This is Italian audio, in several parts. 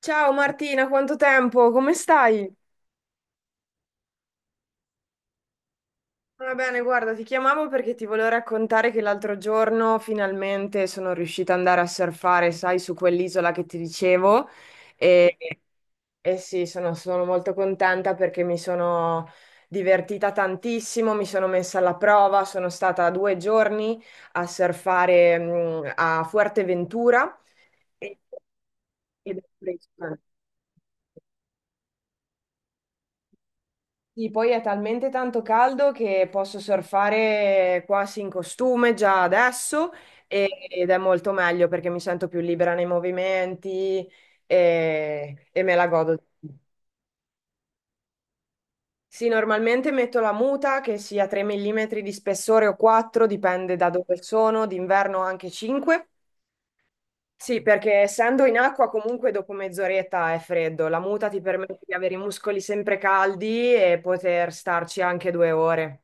Ciao Martina, quanto tempo? Come stai? Va bene, guarda, ti chiamavo perché ti volevo raccontare che l'altro giorno finalmente sono riuscita ad andare a surfare, sai, su quell'isola che ti dicevo. E, e sì, sono molto contenta perché mi sono divertita tantissimo, mi sono messa alla prova, sono stata 2 giorni a surfare, a Fuerteventura. e- Ed è impressionante. Sì, poi è talmente tanto caldo che posso surfare quasi in costume già adesso ed è molto meglio perché mi sento più libera nei movimenti e me la godo. Sì, normalmente metto la muta che sia 3 mm di spessore o 4, dipende da dove sono, d'inverno anche 5. Sì, perché essendo in acqua comunque dopo mezz'oretta è freddo. La muta ti permette di avere i muscoli sempre caldi e poter starci anche 2 ore.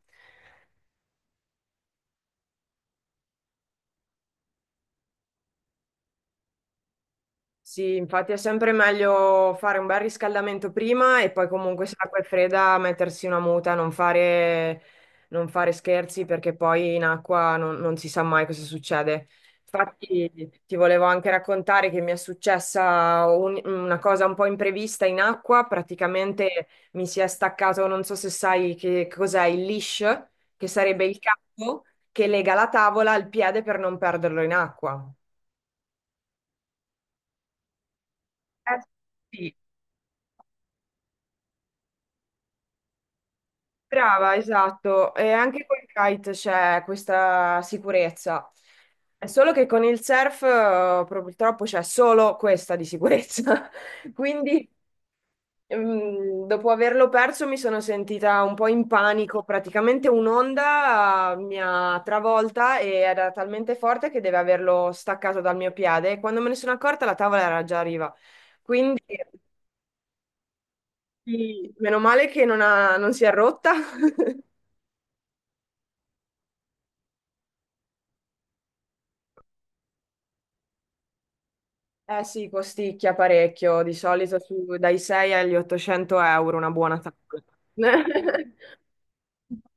Sì, infatti è sempre meglio fare un bel riscaldamento prima e poi comunque se l'acqua è fredda mettersi una muta, non fare scherzi perché poi in acqua non si sa mai cosa succede. Infatti ti volevo anche raccontare che mi è successa una cosa un po' imprevista in acqua, praticamente mi si è staccato, non so se sai che cos'è il leash, che sarebbe il capo che lega la tavola al piede per non perderlo in acqua. Eh, sì. Brava, esatto. E anche col kite c'è questa sicurezza. È solo che con il surf purtroppo c'è solo questa di sicurezza. Quindi, dopo averlo perso, mi sono sentita un po' in panico. Praticamente un'onda mi ha travolta e era talmente forte che deve averlo staccato dal mio piede. E quando me ne sono accorta, la tavola era già a riva. Quindi, sì, meno male che non si è rotta. Eh sì, costicchia parecchio, di solito dai 6 agli 800 € una buona tavola.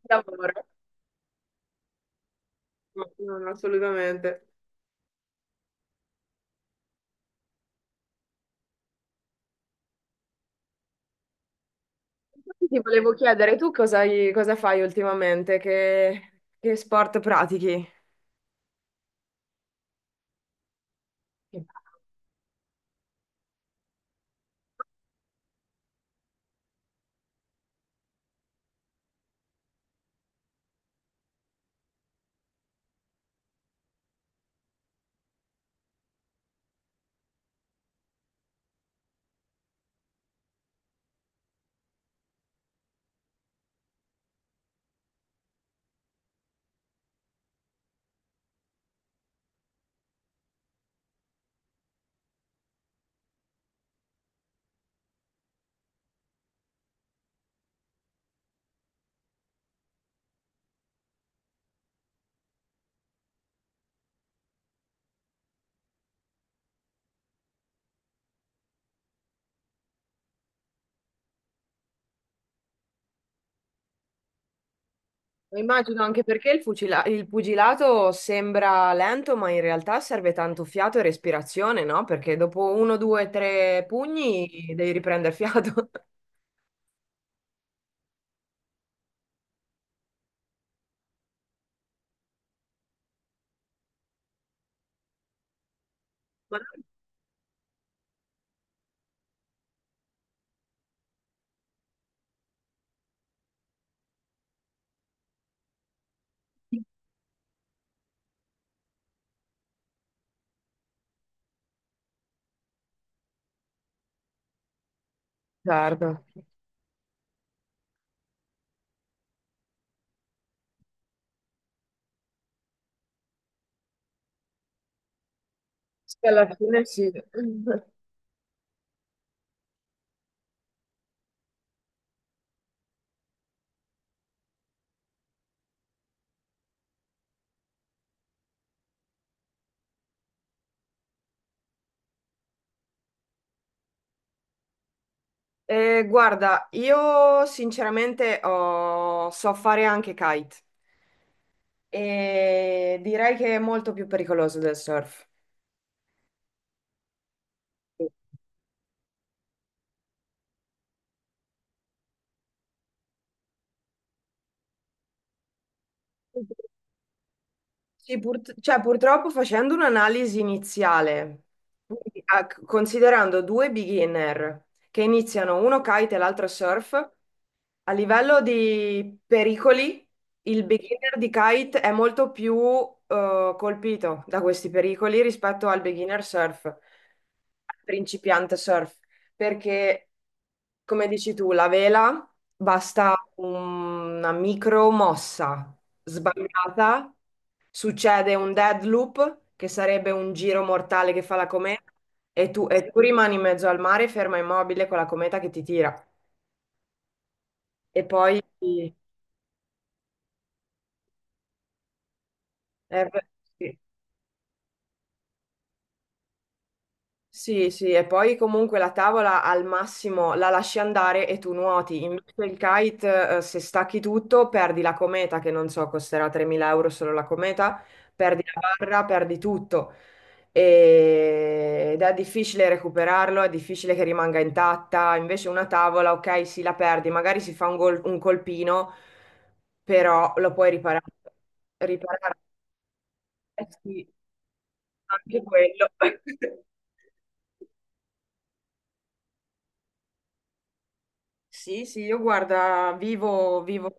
Lavoro. No, no, no, assolutamente. Infatti ti volevo chiedere, cosa fai ultimamente? Che sport pratichi? Che- Immagino anche perché il pugilato sembra lento, ma in realtà serve tanto fiato e respirazione, no? Perché dopo uno, due, tre pugni devi riprendere fiato. Ma no. Certo. Sì, alla fine sì. Guarda, io sinceramente so fare anche kite e direi che è molto più pericoloso del surf. Sì. Sì, cioè, purtroppo facendo un'analisi iniziale, quindi, considerando due beginner che iniziano uno kite e l'altro surf, a livello di pericoli, il beginner di kite è molto più colpito da questi pericoli rispetto al beginner surf, al principiante surf perché, come dici tu, la vela basta una micro mossa sbagliata, succede un dead loop, che sarebbe un giro mortale che fa la cometa, e tu rimani in mezzo al mare ferma immobile con la cometa che ti tira. E poi... eh, sì. Sì, sì, e poi comunque la tavola al massimo la lasci andare e tu nuoti. Invece il kite, se stacchi tutto, perdi la cometa, che non so, costerà 3.000 € solo la cometa, perdi la barra, perdi tutto. Ed è difficile recuperarlo, è difficile che rimanga intatta. Invece una tavola, ok, sì, la perdi, magari si fa un colpino, però lo puoi riparare. Riparare, eh sì, anche quello. Sì, sì, io guarda, vivo.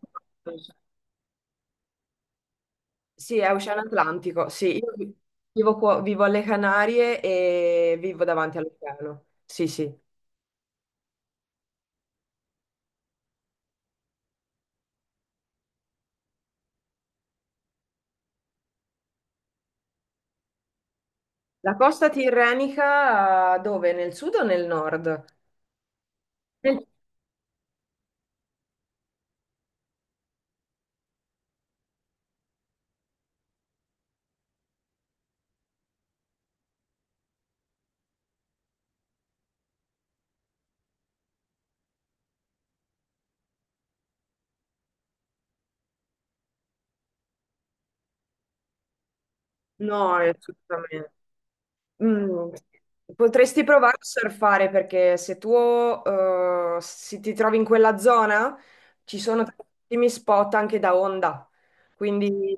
Sì, è Oceano Atlantico, sì, io vivo alle Canarie e vivo davanti all'oceano. Sì, sì. La costa tirrenica dove? Nel sud o nel nord? Nel- No, assolutamente. Mm, Potresti provare a surfare perché se tu ti trovi in quella zona ci sono tantissimi spot anche da onda, quindi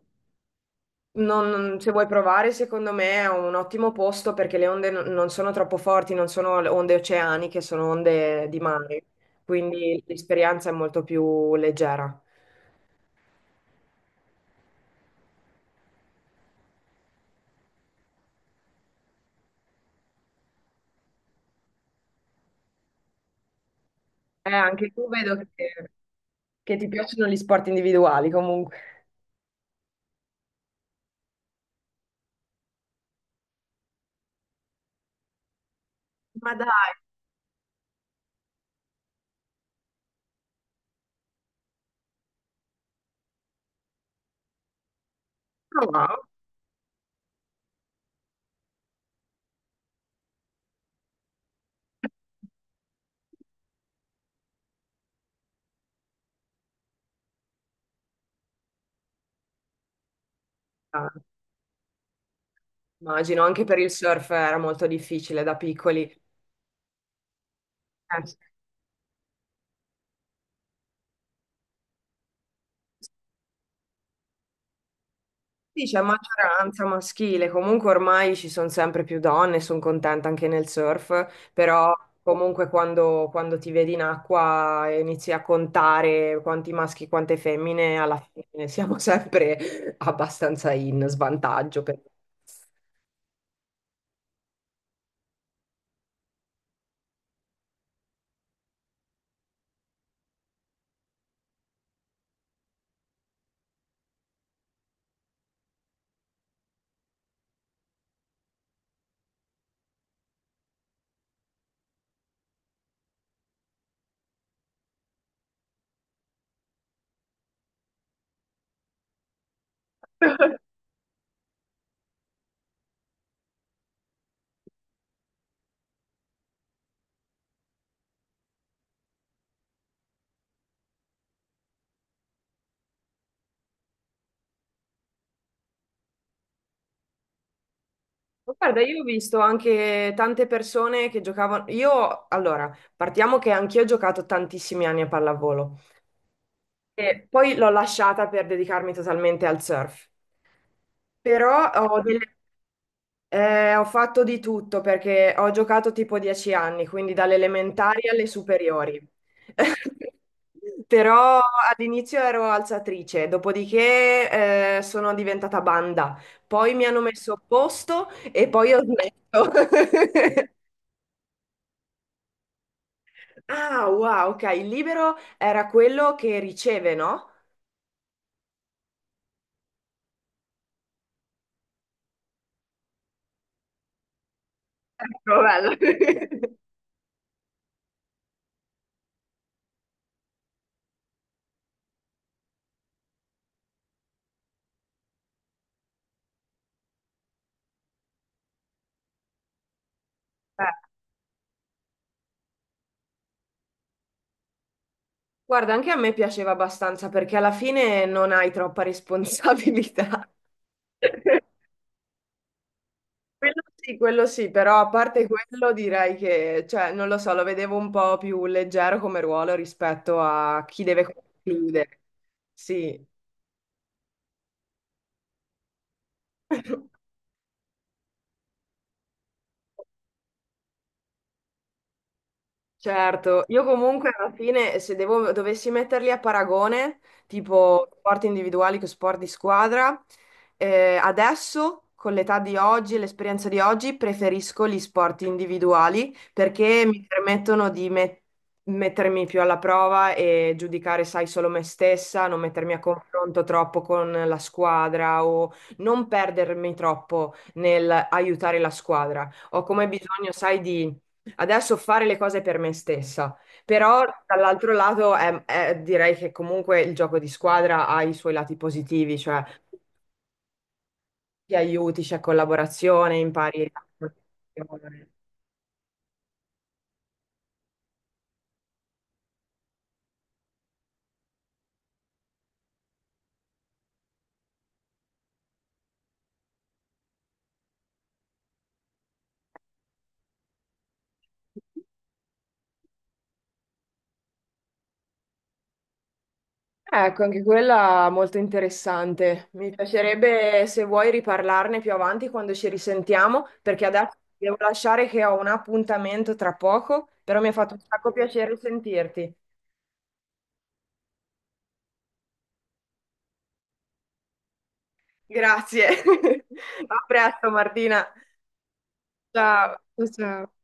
Se vuoi provare, secondo me è un ottimo posto perché le onde non sono troppo forti, non sono le onde oceaniche, sono onde di mare, quindi l'esperienza è molto più leggera. Anche tu vedo che ti piacciono gli sport individuali comunque. Ma dai, no, no, immagino, anche per il surf era molto difficile da piccoli. Eh, Sì, c'è maggioranza maschile, comunque ormai ci sono sempre più donne, sono contenta anche nel surf, però comunque quando, quando ti vedi in acqua e inizi a contare quanti maschi e quante femmine, alla fine siamo sempre abbastanza in svantaggio. Guarda, io ho visto anche tante persone che giocavano. Io, allora, partiamo che anch'io ho giocato tantissimi anni a pallavolo e poi l'ho lasciata per dedicarmi totalmente al surf. Però ho fatto di tutto perché ho giocato tipo 10 anni, quindi dalle elementari alle superiori. Però all'inizio ero alzatrice, dopodiché sono diventata banda, poi mi hanno messo a posto e poi ho smesso. Ah, wow, ok, il libero era quello che riceve, no? Ecco, bello. Guarda, anche a me piaceva abbastanza perché alla fine non hai troppa responsabilità. Quello sì, però a parte quello direi che, cioè, non lo so, lo vedevo un po' più leggero come ruolo rispetto a chi deve concludere. Sì. Certo, io comunque alla fine se dovessi metterli a paragone, tipo sport individuali che sport di squadra, adesso con l'età di oggi e l'esperienza di oggi preferisco gli sport individuali perché mi permettono di mettermi più alla prova e giudicare, sai, solo me stessa, non mettermi a confronto troppo con la squadra o non perdermi troppo nel aiutare la squadra. Ho come bisogno, sai, di adesso fare le cose per me stessa, però dall'altro lato direi che comunque il gioco di squadra ha i suoi lati positivi, cioè ti aiuti, c'è collaborazione, impari. La collaborazione. Ecco, anche quella molto interessante. Mi piacerebbe se vuoi riparlarne più avanti quando ci risentiamo, perché adesso ti devo lasciare che ho un appuntamento tra poco, però mi ha fatto un sacco piacere sentirti. Grazie. A presto, Martina. Ciao. Ciao. Ciao.